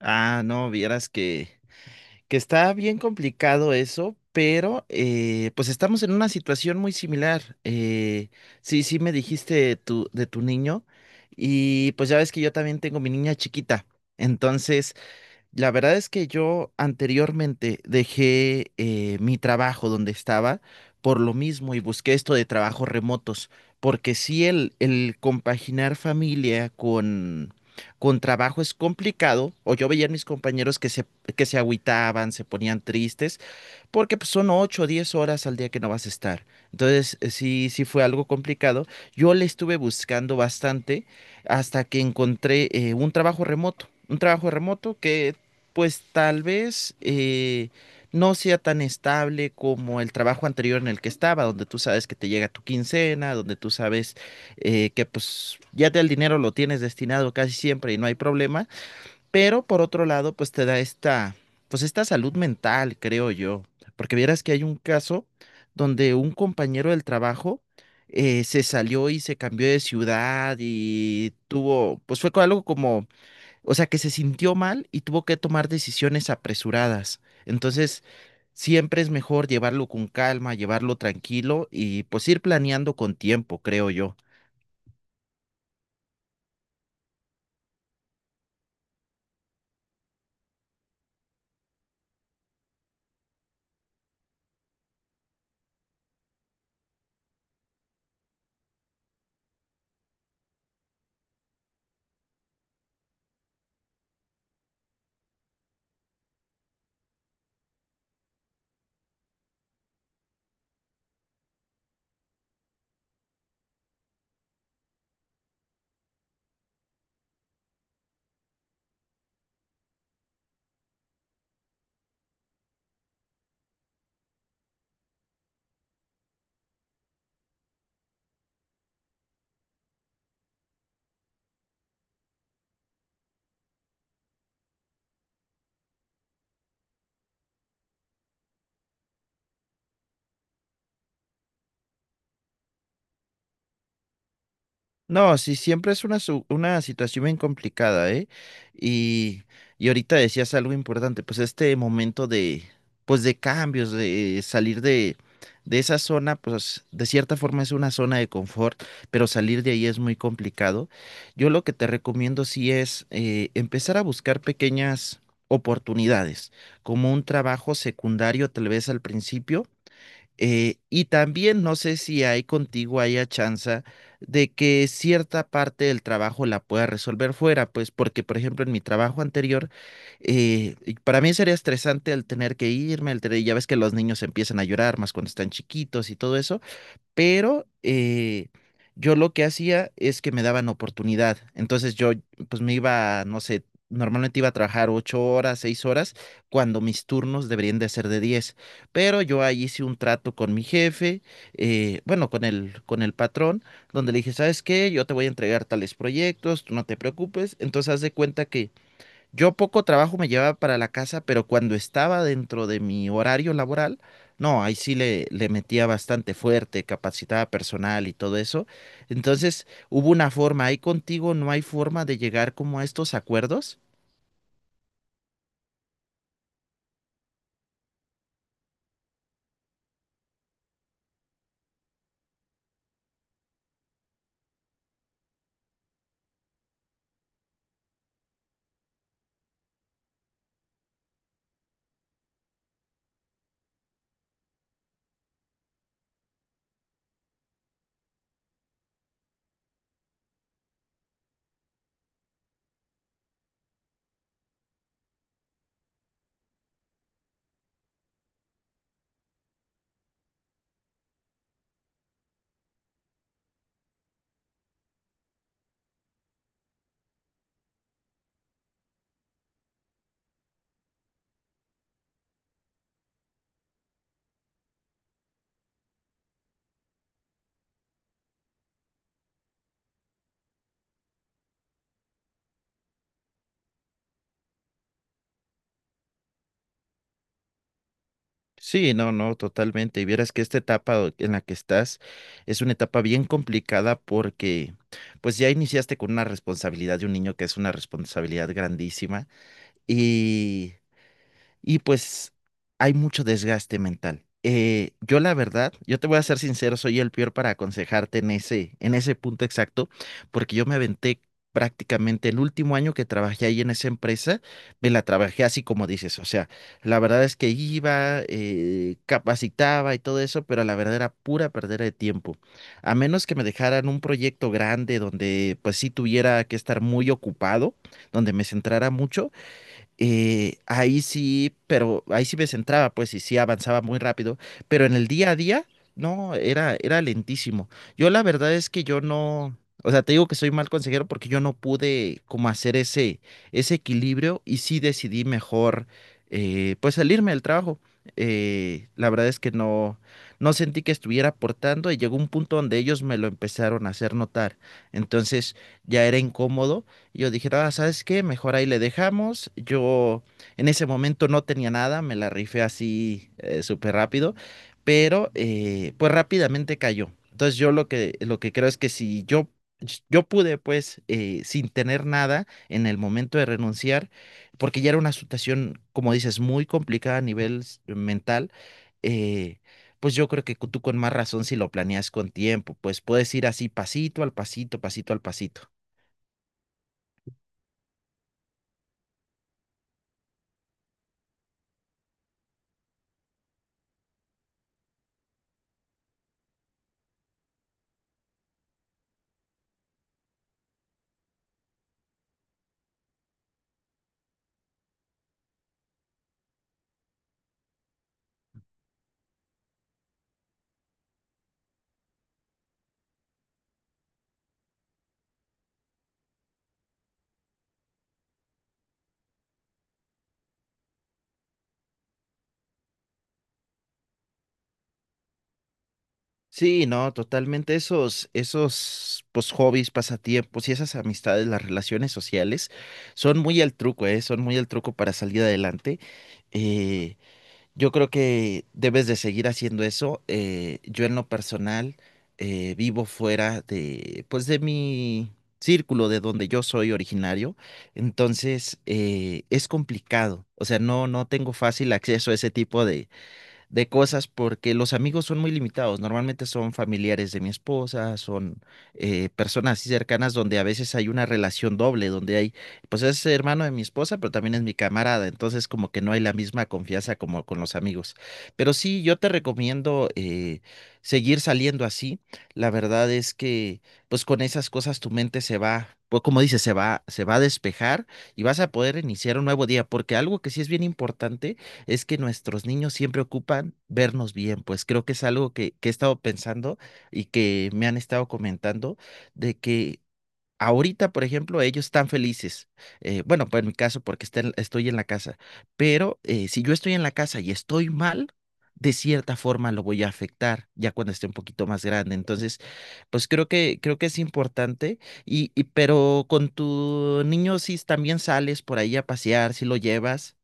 Ah, no, vieras que está bien complicado eso, pero pues estamos en una situación muy similar. Sí, sí me dijiste de tu niño y pues ya ves que yo también tengo mi niña chiquita. Entonces, la verdad es que yo anteriormente dejé mi trabajo donde estaba por lo mismo y busqué esto de trabajos remotos, porque sí el compaginar familia con trabajo es complicado, o yo veía a mis compañeros que se agüitaban, se ponían tristes, porque pues, son 8 o 10 horas al día que no vas a estar. Entonces, sí, sí fue algo complicado. Yo le estuve buscando bastante hasta que encontré un trabajo remoto que pues tal vez no sea tan estable como el trabajo anterior en el que estaba, donde tú sabes que te llega tu quincena, donde tú sabes que pues el dinero lo tienes destinado casi siempre y no hay problema. Pero por otro lado, pues te da pues esta salud mental, creo yo, porque vieras que hay un caso donde un compañero del trabajo se salió y se cambió de ciudad y tuvo, pues algo como, o sea, que se sintió mal y tuvo que tomar decisiones apresuradas. Entonces, siempre es mejor llevarlo con calma, llevarlo tranquilo y pues ir planeando con tiempo, creo yo. No, sí, siempre es una situación bien complicada, ¿eh? Y, y ahorita decías algo importante, pues este momento de, pues de cambios, de salir de esa zona, pues de cierta forma es una zona de confort, pero salir de ahí es muy complicado. Yo lo que te recomiendo sí es empezar a buscar pequeñas oportunidades, como un trabajo secundario tal vez al principio y también no sé si hay contigo haya chance de que cierta parte del trabajo la pueda resolver fuera, pues porque, por ejemplo, en mi trabajo anterior, y para mí sería estresante el tener que irme, ya ves que los niños empiezan a llorar más cuando están chiquitos y todo eso, pero yo lo que hacía es que me daban oportunidad. Entonces yo pues me iba, no sé, normalmente iba a trabajar 8 horas, 6 horas, cuando mis turnos deberían de ser de 10. Pero yo ahí hice un trato con mi jefe, bueno, con el patrón, donde le dije, ¿sabes qué? Yo te voy a entregar tales proyectos, tú no te preocupes. Entonces haz de cuenta yo poco trabajo me llevaba para la casa, pero cuando estaba dentro de mi horario laboral, no, ahí sí le metía bastante fuerte, capacitaba personal y todo eso. Entonces, hubo una forma, ahí contigo no hay forma de llegar como a estos acuerdos. Sí, no, totalmente. Y vieras que esta etapa en la que estás es una etapa bien complicada porque pues ya iniciaste con una responsabilidad de un niño que es una responsabilidad grandísima. y y pues hay mucho desgaste mental. Yo la verdad, yo te voy a ser sincero, soy el peor para aconsejarte en ese punto exacto, porque yo me aventé prácticamente el último año que trabajé ahí en esa empresa, me la trabajé así como dices, o sea, la verdad es que iba, capacitaba y todo eso, pero la verdad era pura perdera de tiempo. A menos que me dejaran un proyecto grande donde pues sí tuviera que estar muy ocupado, donde me centrara mucho ahí sí, pero ahí sí me centraba, pues, y sí avanzaba muy rápido, pero en el día a día, no, era lentísimo. Yo la verdad es que yo no, o sea, te digo que soy mal consejero porque yo no pude como hacer ese equilibrio y sí decidí mejor, pues, salirme del trabajo. La verdad es que no, no sentí que estuviera aportando y llegó un punto donde ellos me lo empezaron a hacer notar. Entonces ya era incómodo y yo dije, ah, ¿sabes qué? Mejor ahí le dejamos. Yo en ese momento no tenía nada, me la rifé así súper rápido, pero pues rápidamente cayó. Entonces yo lo que creo es que si yo, yo pude pues sin tener nada en el momento de renunciar, porque ya era una situación, como dices, muy complicada a nivel mental, eh, pues yo creo que tú con más razón si lo planeas con tiempo, pues puedes ir así pasito al pasito, pasito al pasito. Sí, no, totalmente esos pues, hobbies, pasatiempos y esas amistades, las relaciones sociales, son muy al truco, ¿eh? Son muy al truco para salir adelante. Eh, Yo creo que debes de seguir haciendo eso. Yo en lo personal vivo fuera de, pues de mi círculo, de donde yo soy originario. Entonces es complicado. O sea, no, no tengo fácil acceso a ese tipo de cosas porque los amigos son muy limitados. Normalmente son familiares de mi esposa, son personas así cercanas donde a veces hay una relación doble, donde hay, pues es hermano de mi esposa, pero también es mi camarada. Entonces como que no hay la misma confianza como con los amigos. Pero sí, yo te recomiendo seguir saliendo así. La verdad es que pues con esas cosas tu mente se va. Pues como dices, se va a despejar y vas a poder iniciar un nuevo día, porque algo que sí es bien importante es que nuestros niños siempre ocupan vernos bien, pues creo que es algo que he estado pensando y que me han estado comentando de que ahorita, por ejemplo, ellos están felices. Eh, bueno, pues en mi caso, porque estoy en la casa, pero si yo estoy en la casa y estoy mal, de cierta forma lo voy a afectar ya cuando esté un poquito más grande. Entonces, pues creo que es importante. Y pero con tu niño, si también sales por ahí a pasear, si lo llevas.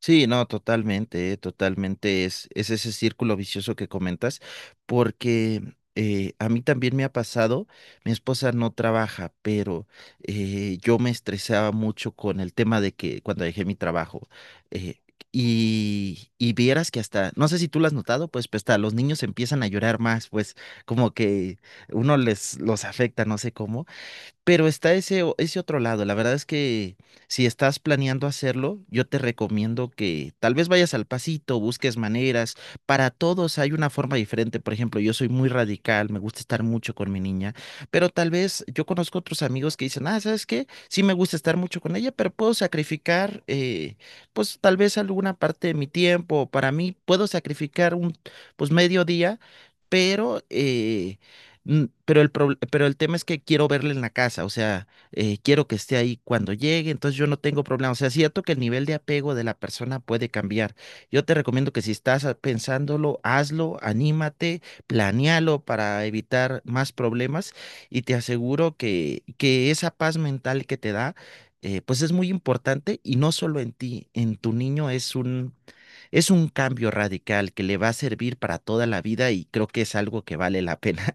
Sí, no, totalmente, totalmente es ese círculo vicioso que comentas, porque a mí también me ha pasado, mi esposa no trabaja, pero yo me estresaba mucho con el tema de que cuando dejé mi trabajo, eh, y vieras que hasta, no sé si tú lo has notado, pues, pues hasta los niños empiezan a llorar más, pues como que uno les los afecta, no sé cómo, pero está ese, ese otro lado. La verdad es que si estás planeando hacerlo, yo te recomiendo que tal vez vayas al pasito, busques maneras. Para todos hay una forma diferente. Por ejemplo, yo soy muy radical, me gusta estar mucho con mi niña, pero tal vez yo conozco otros amigos que dicen, ah, ¿sabes qué? Sí me gusta estar mucho con ella, pero puedo sacrificar, pues tal vez alguna parte de mi tiempo. Para mí, puedo sacrificar pues medio día, pero... eh, pero pero el tema es que quiero verle en la casa, o sea, quiero que esté ahí cuando llegue, entonces yo no tengo problema. O sea, es cierto que el nivel de apego de la persona puede cambiar. Yo te recomiendo que si estás pensándolo, hazlo, anímate, planéalo para evitar más problemas y te aseguro que esa paz mental que te da, pues es muy importante y no solo en ti, en tu niño es un cambio radical que le va a servir para toda la vida y creo que es algo que vale la pena.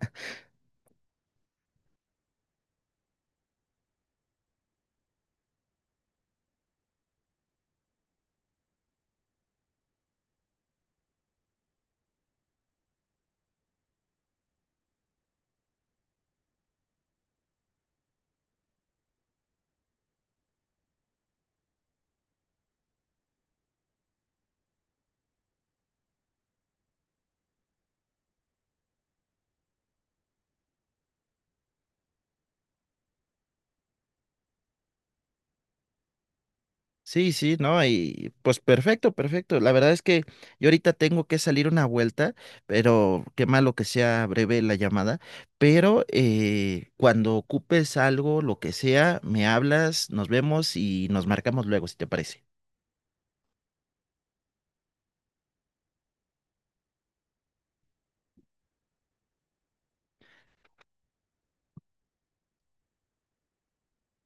Sí, sí, no, y pues perfecto, perfecto. La verdad es que yo ahorita tengo que salir una vuelta, pero qué malo que sea breve la llamada, pero cuando ocupes algo, lo que sea, me hablas, nos vemos y nos marcamos luego, si te parece.